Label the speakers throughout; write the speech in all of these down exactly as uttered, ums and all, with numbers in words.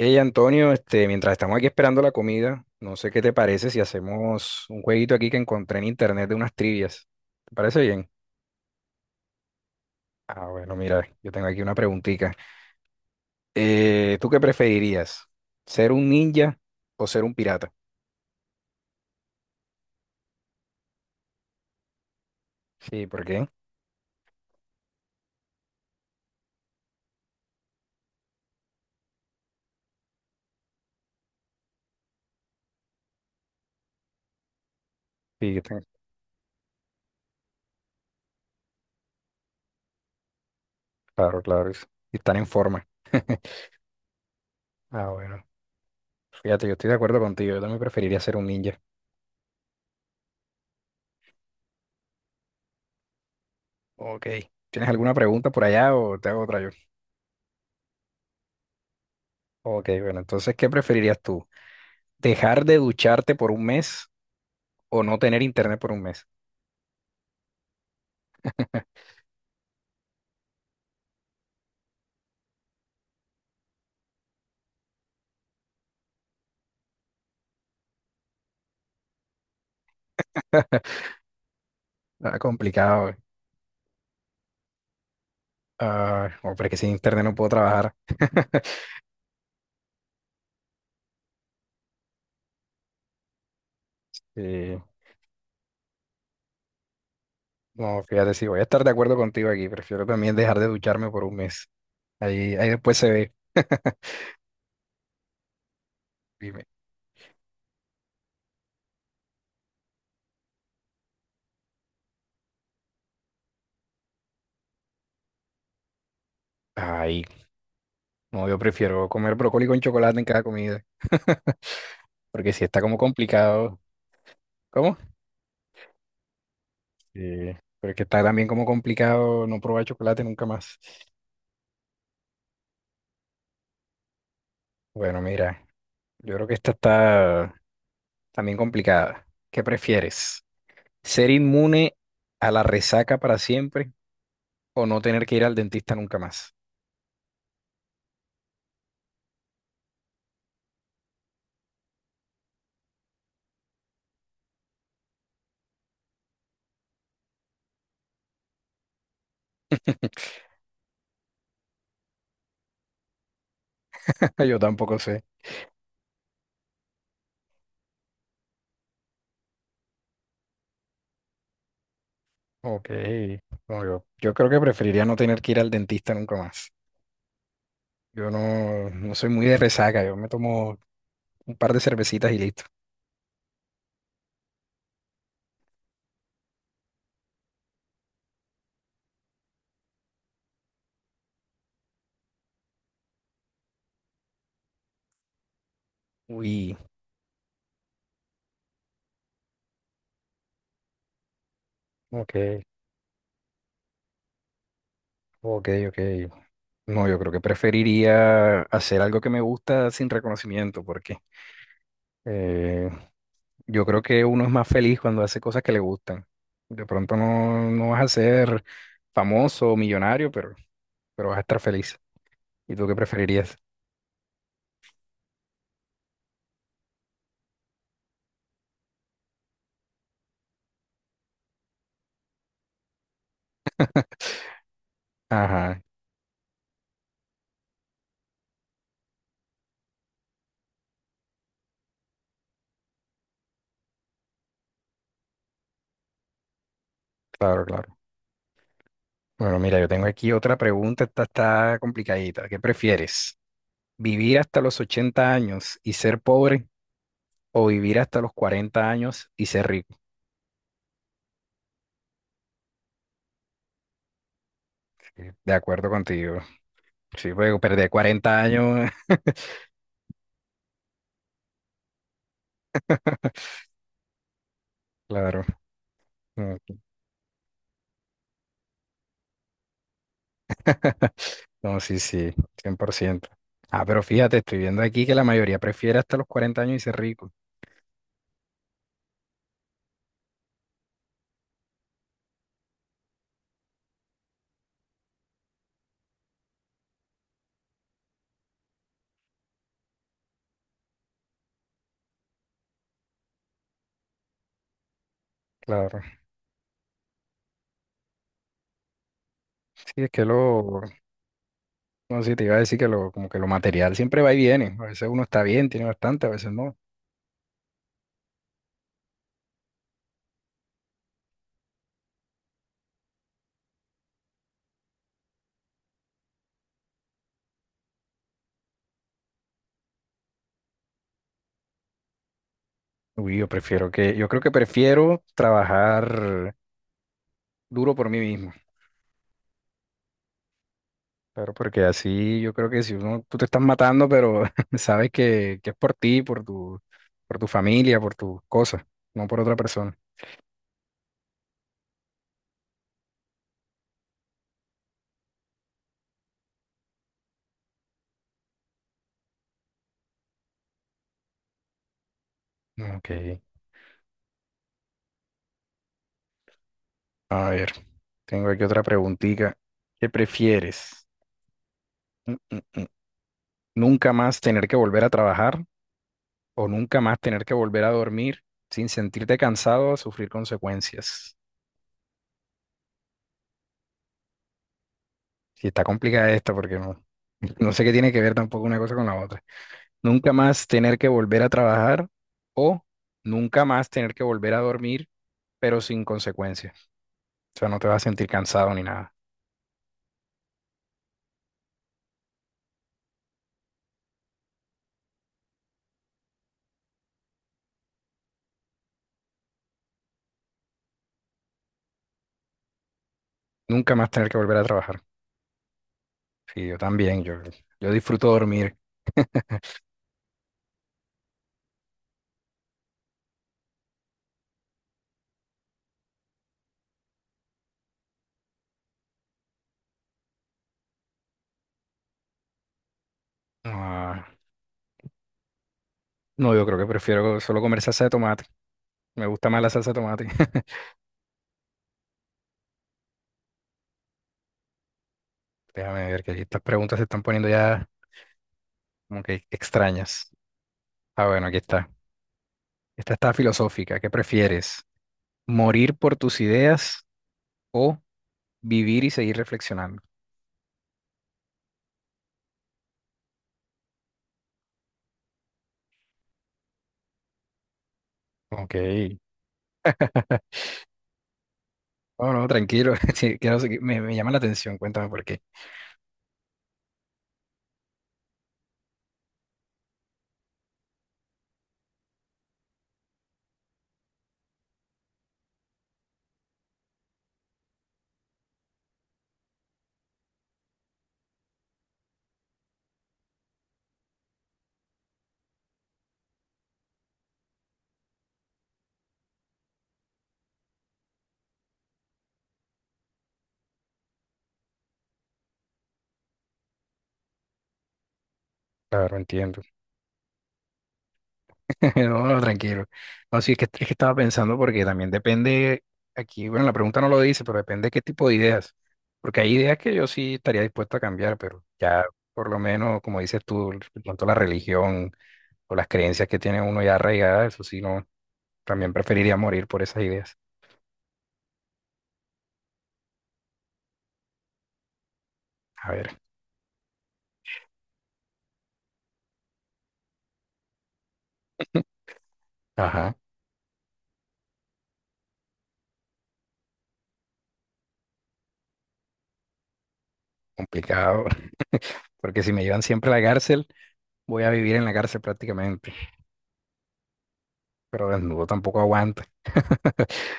Speaker 1: Hey Antonio, este, mientras estamos aquí esperando la comida, no sé qué te parece si hacemos un jueguito aquí que encontré en internet de unas trivias. ¿Te parece bien? Ah, bueno, mira, yo tengo aquí una preguntita. ¿Tú qué preferirías? ¿Ser un ninja o ser un pirata? Sí, ¿por qué? Sí, yo tengo- claro, claro, es- están en forma. Ah, bueno, fíjate, yo estoy de acuerdo contigo, yo también preferiría ser un ninja. Ok, ¿tienes alguna pregunta por allá o te hago otra yo? Ok, bueno, entonces, ¿qué preferirías tú? ¿Dejar de ducharte por un mes o no tener internet por un mes? Ah, complicado. eh. Ah, no, pero es que sin internet no puedo trabajar. Sí. No, fíjate, sí, voy a estar de acuerdo contigo aquí. Prefiero también dejar de ducharme por un mes. Ahí, ahí después se ve. Dime. Ay, no, yo prefiero comer brócoli con chocolate en cada comida. Porque si está como complicado. ¿Cómo? Sí. Pero es que está también como complicado no probar chocolate nunca más. Bueno, mira, yo creo que esta está también complicada. ¿Qué prefieres? Ser inmune a la resaca para siempre o no tener que ir al dentista nunca más. Yo tampoco sé. Ok. No, yo, yo creo que preferiría no tener que ir al dentista nunca más. Yo no, no soy muy de resaca. Yo me tomo un par de cervecitas y listo. Uy, ok, ok, ok. No, yo creo que preferiría hacer algo que me gusta sin reconocimiento, porque Eh, yo creo que uno es más feliz cuando hace cosas que le gustan. De pronto no, no vas a ser famoso o millonario, pero, pero vas a estar feliz. ¿Y tú qué preferirías? Ajá, claro, claro. Bueno, mira, yo tengo aquí otra pregunta, esta está complicadita. ¿Qué prefieres? ¿Vivir hasta los ochenta años y ser pobre o vivir hasta los cuarenta años y ser rico? Sí, de acuerdo contigo. Sí, porque perder cuarenta años, claro. No, sí, sí, cien por ciento. Ah, pero fíjate, estoy viendo aquí que la mayoría prefiere hasta los cuarenta años y ser rico. Claro. Sí, es que lo, no sé, te iba a decir que lo, como que lo material siempre va y viene. A veces uno está bien, tiene bastante, a veces no. Uy, yo prefiero que, yo creo que prefiero trabajar duro por mí mismo. Claro, porque así yo creo que si uno, tú te estás matando, pero sabes que, que es por ti, por tu, por tu familia, por tus cosas, no por otra persona. Ok. A ver, tengo aquí otra preguntita. ¿Qué prefieres? Mm, mm, mm. ¿Nunca más tener que volver a trabajar o nunca más tener que volver a dormir sin sentirte cansado o sufrir consecuencias? Sí, está complicada esta porque no, no sé qué tiene que ver tampoco una cosa con la otra. Nunca más tener que volver a trabajar o nunca más tener que volver a dormir, pero sin consecuencias. O sea, no te vas a sentir cansado ni nada. Nunca más tener que volver a trabajar. Sí, yo también, yo, yo disfruto dormir. Ah, no, yo creo que prefiero solo comer salsa de tomate. Me gusta más la salsa de tomate. Déjame ver que aquí estas preguntas se están poniendo ya como que extrañas. Ah, bueno, aquí está. Esta está filosófica. ¿Qué prefieres? ¿Morir por tus ideas o vivir y seguir reflexionando? Ok. No, no, tranquilo. Sí, quiero seguir- me, me llama la atención. Cuéntame por qué. Claro, entiendo. No, tranquilo. No, sí, es que, es que estaba pensando porque también depende, aquí, bueno, la pregunta no lo dice, pero depende qué tipo de ideas. Porque hay ideas que yo sí estaría dispuesto a cambiar, pero ya por lo menos, como dices tú, de pronto la religión o las creencias que tiene uno ya arraigadas, eso sí, no, también preferiría morir por esas ideas. A ver, ajá, complicado, porque si me llevan siempre a la cárcel, voy a vivir en la cárcel prácticamente, pero desnudo tampoco aguanta.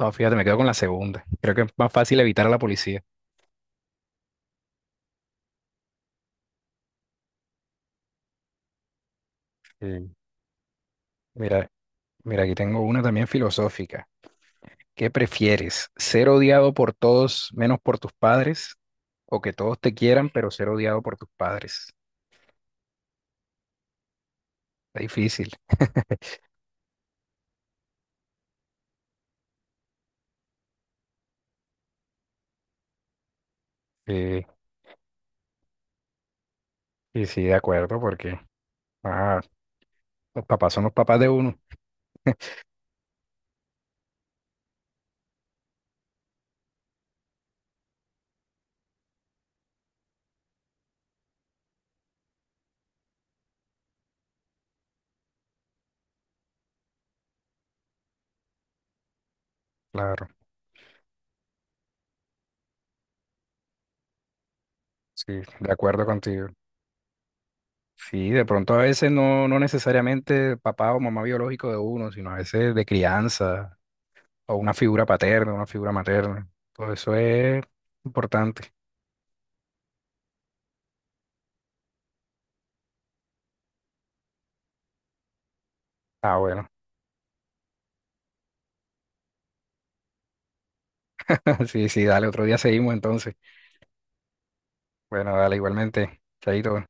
Speaker 1: No, fíjate, me quedo con la segunda. Creo que es más fácil evitar a la policía. Mm. Mira, mira, aquí tengo una también filosófica. ¿Qué prefieres? ¿Ser odiado por todos menos por tus padres? ¿O que todos te quieran, pero ser odiado por tus padres? Está difícil. Sí, y sí, de acuerdo, porque ah, los papás son los papás de uno. Claro, sí, de acuerdo contigo. Sí, de pronto a veces no, no necesariamente papá o mamá biológico de uno, sino a veces de crianza, o una figura paterna, una figura materna. Todo eso es importante. Ah, bueno. Sí, sí, dale, otro día seguimos entonces. Bueno, dale igualmente. Chaito.